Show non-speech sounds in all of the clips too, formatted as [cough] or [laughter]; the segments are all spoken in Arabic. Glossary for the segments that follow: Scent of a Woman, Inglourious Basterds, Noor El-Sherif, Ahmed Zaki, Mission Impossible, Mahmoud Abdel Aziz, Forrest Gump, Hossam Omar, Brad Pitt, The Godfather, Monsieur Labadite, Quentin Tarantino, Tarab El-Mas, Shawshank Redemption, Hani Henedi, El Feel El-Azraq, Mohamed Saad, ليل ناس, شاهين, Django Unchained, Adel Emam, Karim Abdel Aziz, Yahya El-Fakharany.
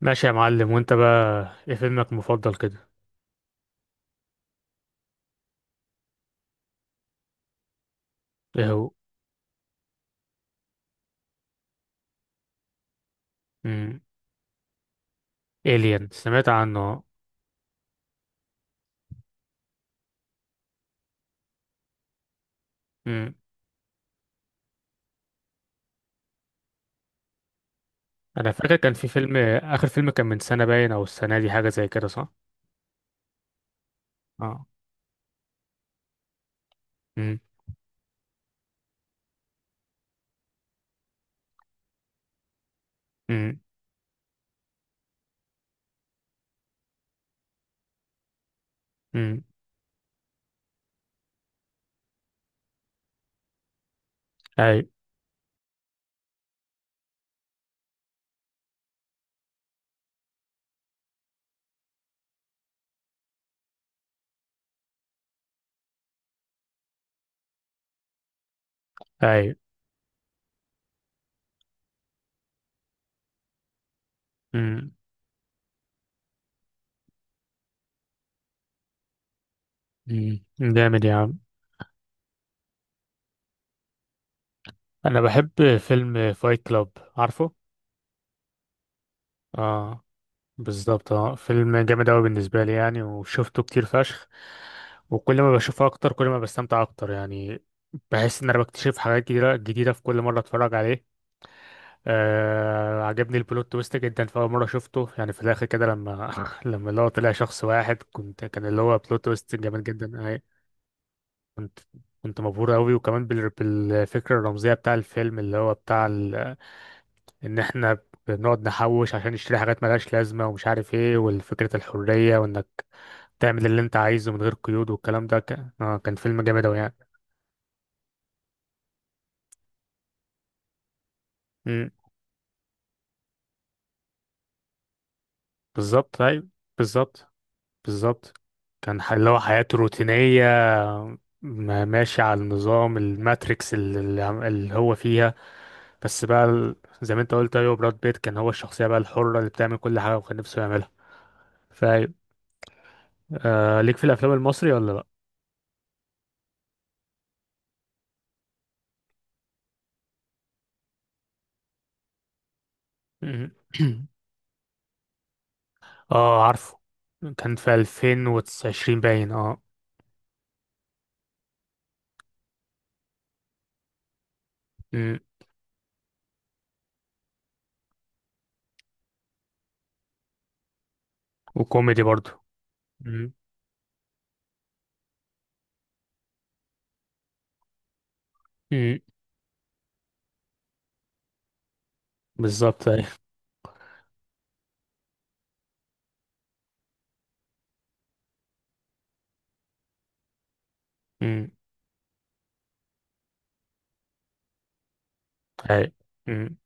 ماشي يا معلم، وانت بقى ايه فيلمك المفضل كده؟ ايه هو؟ امم. الين، سمعت عنه. امم. انا فاكر كان في فيلم، اخر فيلم كان من سنة باين او السنة دي حاجة زي كده، صح؟ اه. امم. امم. امم. اي. اي. امم. امم، جامد يا عم. انا بحب فيلم فايت كلاب. عارفه؟ اه، بالظبط. اه فيلم جامد أوي بالنسبة لي يعني، وشفته كتير فشخ. وكل ما بشوفه أكتر كل ما بستمتع أكتر يعني. بحس إن أنا بكتشف حاجات جديدة جديدة في كل مرة أتفرج عليه. آه، عجبني البلوت تويست جدا في أول مرة شفته يعني، في الآخر كده لما [laughs] لما اللي هو طلع شخص واحد، كنت كان اللي هو بلوت تويست جامد جدا. أي. كنت كنت مبهور أوي، وكمان بالفكرة الرمزية بتاع الفيلم اللي هو بتاع إن إحنا بنقعد نحوش عشان نشتري حاجات ملهاش لازمة ومش عارف ايه، والفكرة الحرية وانك تعمل اللي انت عايزه من غير قيود، والكلام ده كان اه كان فيلم جامد اوي يعني. امم. بالظبط ايوه. بالظبط. بالظبط. كان اللي هو حياته روتينية، ماشي على النظام الماتريكس اللي اللي هو فيها. بس بقى زي ما انت قلت ايوه، براد بيت كان هو الشخصية بقى الحرة اللي بتعمل كل حاجة وكان نفسه يعملها. فايوه. آه، ليك في الافلام المصري ولا لا؟ مم. [clears throat] اه عارفه. كان في 2020 باين اه. مم. وكوميدي برضه. مم. مم. بالظبط أيوه. امم. ايوه. امم.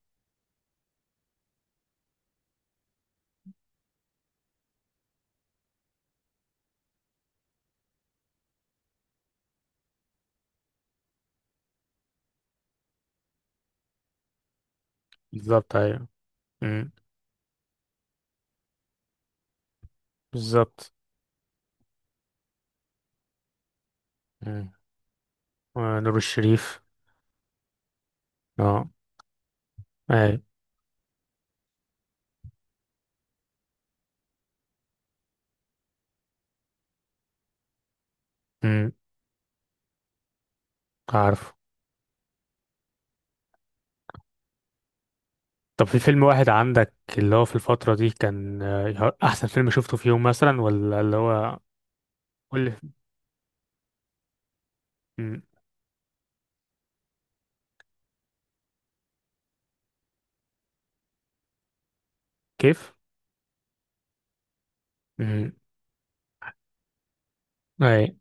بالظبط ايوه. امم. بالظبط. امم. آه، نور الشريف. اه. ايوه. امم. عارف. طب في فيلم واحد عندك اللي هو في الفترة دي كان آه، احسن فيلم شفته في يوم مثلا، ولا اللي هو؟ قول لي. امم. كيف؟ امم. ايوه.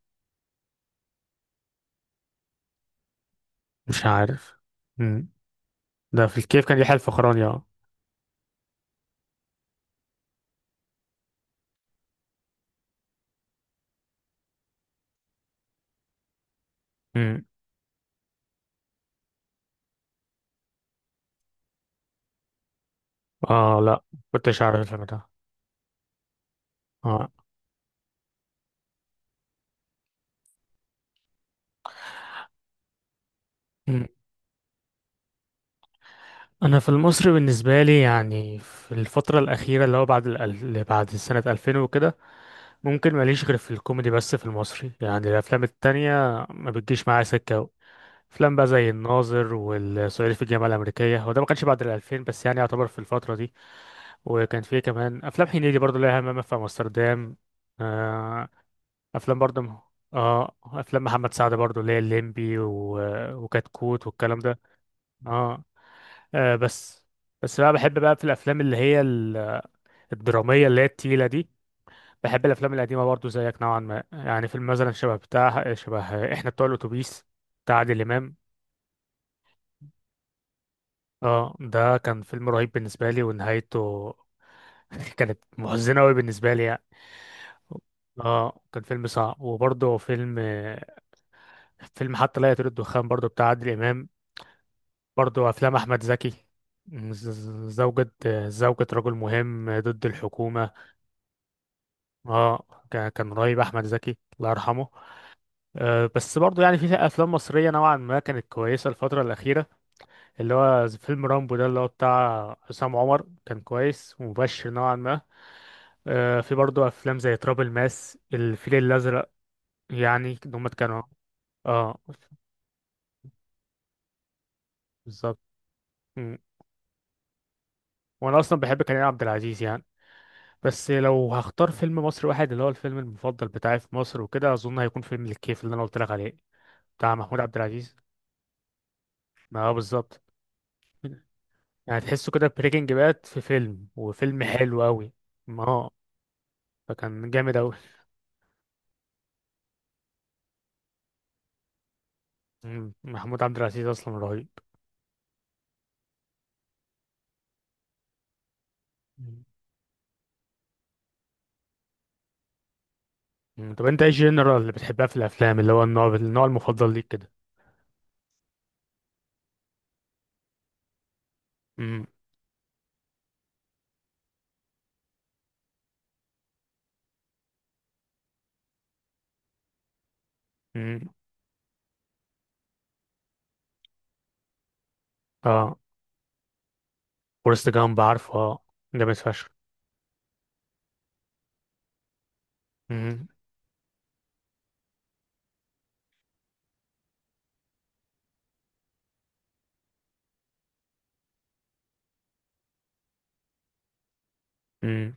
مش عارف. امم. ده في الكيف كان يحيى الفخراني اه. امم. اه لا. كنتش عارف الفيلم ده. اه. مم. انا في المصري بالنسبه لي يعني في الفتره الاخيره اللي هو بعد اللي بعد سنه 2000 وكده، ممكن ماليش غير في الكوميدي بس. في المصري يعني الافلام التانية ما بتجيش معايا سكة أوي. افلام بقى زي الناظر والصعيدي في الجامعة الأمريكية، هو ده ما كانش بعد الألفين بس يعني يعتبر في الفترة دي. وكان فيه كمان أفلام هنيدي برضو، ليها همام في أمستردام. آه، أفلام برضو. اه أفلام محمد سعد برضو اللي هي الليمبي وكتكوت والكلام ده. اه. آه، بس. بس بقى بحب بقى في الأفلام اللي هي الدرامية اللي هي التقيلة دي. بحب الافلام القديمه برضو زيك نوعا ما يعني. فيلم مثلا شبه بتاع شبه احنا بتوع الاتوبيس بتاع عادل امام. اه ده كان فيلم رهيب بالنسبه لي، ونهايته [laughs] كانت محزنه قوي بالنسبه لي يعني. اه كان فيلم صعب، وبرضه فيلم حتى لا يطير الدخان برضه بتاع عادل امام. برضه افلام احمد زكي. ز- ز- زوجة زوجة رجل مهم ضد الحكومة. اه، كان رهيب احمد زكي الله يرحمه. أه، بس برضو يعني في افلام مصريه نوعا ما كانت كويسه الفتره الاخيره، اللي هو زي فيلم رامبو ده اللي هو بتاع حسام عمر، كان كويس ومبشر نوعا ما. أه، في برضو افلام زي تراب الماس، الفيل الازرق. يعني إن هم كانوا. اه بالظبط. مم. وانا اصلا بحب كريم عبد العزيز يعني. بس لو هختار فيلم مصري واحد اللي هو الفيلم المفضل بتاعي في مصر وكده، اظن هيكون فيلم الكيف اللي انا قلت لك عليه بتاع محمود عبد العزيز. ما هو بالظبط. يعني تحسه كده بريكنج باد في فيلم، وفيلم حلو قوي. ما هو. فكان جامد قوي. مم. محمود عبد العزيز اصلا رهيب. مم. مم. طب انت ايه الجنرال اللي بتحبها في الافلام، اللي هو النوع المفضل ليك كده؟ مم. مم. اه فورست جامب عارفه اه. جامد فشخ. مم. مم.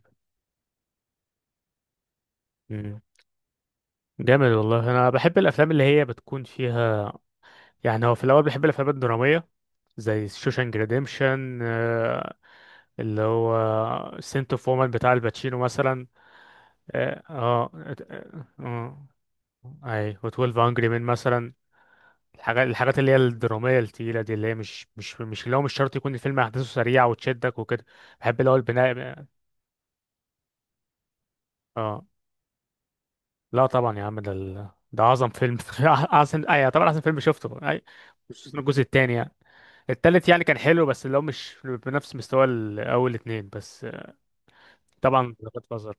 مم. جامد والله. انا بحب الافلام اللي هي بتكون فيها، يعني هو في الاول بحب الافلام الدراميه زي شوشانك ريديمشن، اللي هو سنت اوف وومن بتاع الباتشينو مثلا. اه اه. آه، اي. و12 انجري مان مثلا. الحاجات اللي هي الدراميه التقيله دي، اللي هي مش اللي هو مش شرط يكون الفيلم احداثه سريعه وتشدك وكده. بحب اللي هو البناء. اه لا طبعا يا عم، ده اعظم فيلم [laughs] اعظم. اي طبعا احسن فيلم شفته. اي خصوصا الجزء الثاني يعني. التالت يعني كان حلو بس اللي هو مش بنفس مستوى الاول اتنين بس. آه، طبعا جاد فازر.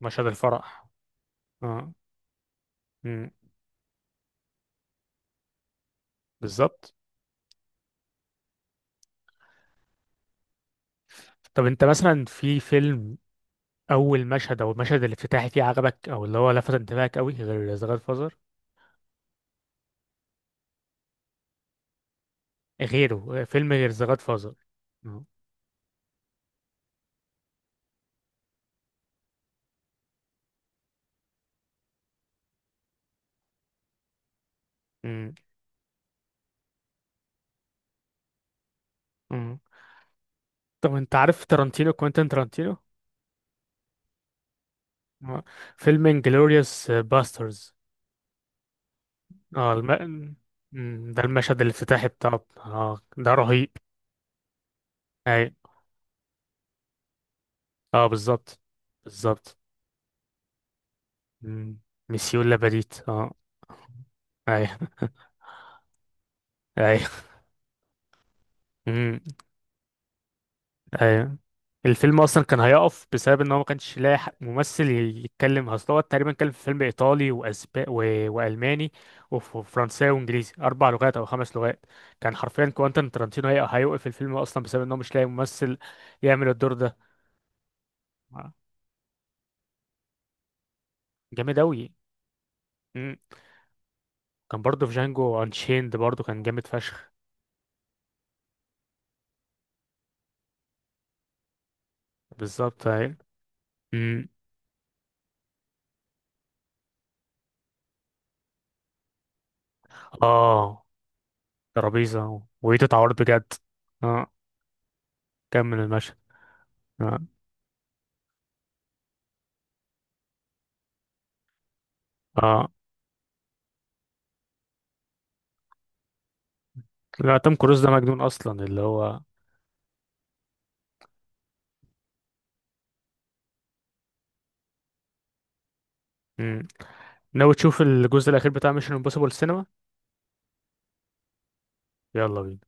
مشهد الفرح. اه. مم، بالظبط. طب انت مثلا في فيلم، اول مشهد او المشهد الافتتاحي فيه عجبك او اللي هو لفت انتباهك قوي غير ذا جاد فازر؟ غيره فيلم غير ذا جاد فازر. امم. امم. طب انت عارف تارانتينو؟ كوينتين تارانتينو؟ آه. فيلم انجلوريوس باسترز. اه مم، ده المشهد الافتتاحي بتاعه اه ده رهيب. اي. اه بالظبط. بالظبط. مم، مسيو لاباديت اه. اي. اي. اي. الفيلم اصلا كان هيقف بسبب ان هو ما كانش لاقي ممثل يتكلم، اصل هو تقريبا كان في فيلم ايطالي واسباني والماني وفرنساوي وانجليزي، اربع لغات او خمس لغات. كان حرفيا كوانتين ترانتينو هيوقف الفيلم اصلا بسبب ان هو مش لاقي ممثل يعمل الدور ده. آه، جامد اوي. مم. كان برضه في جانجو انشيند برضه كان جامد فشخ. بالظبط اهي. مم. اه ترابيزه وايده اتعورت بجد. اه كمل المشهد. اه. اه لا توم كروز ده مجنون اصلا، اللي هو. ناوي تشوف الجزء الاخير بتاع ميشن امبوسيبل السينما؟ يلا بينا.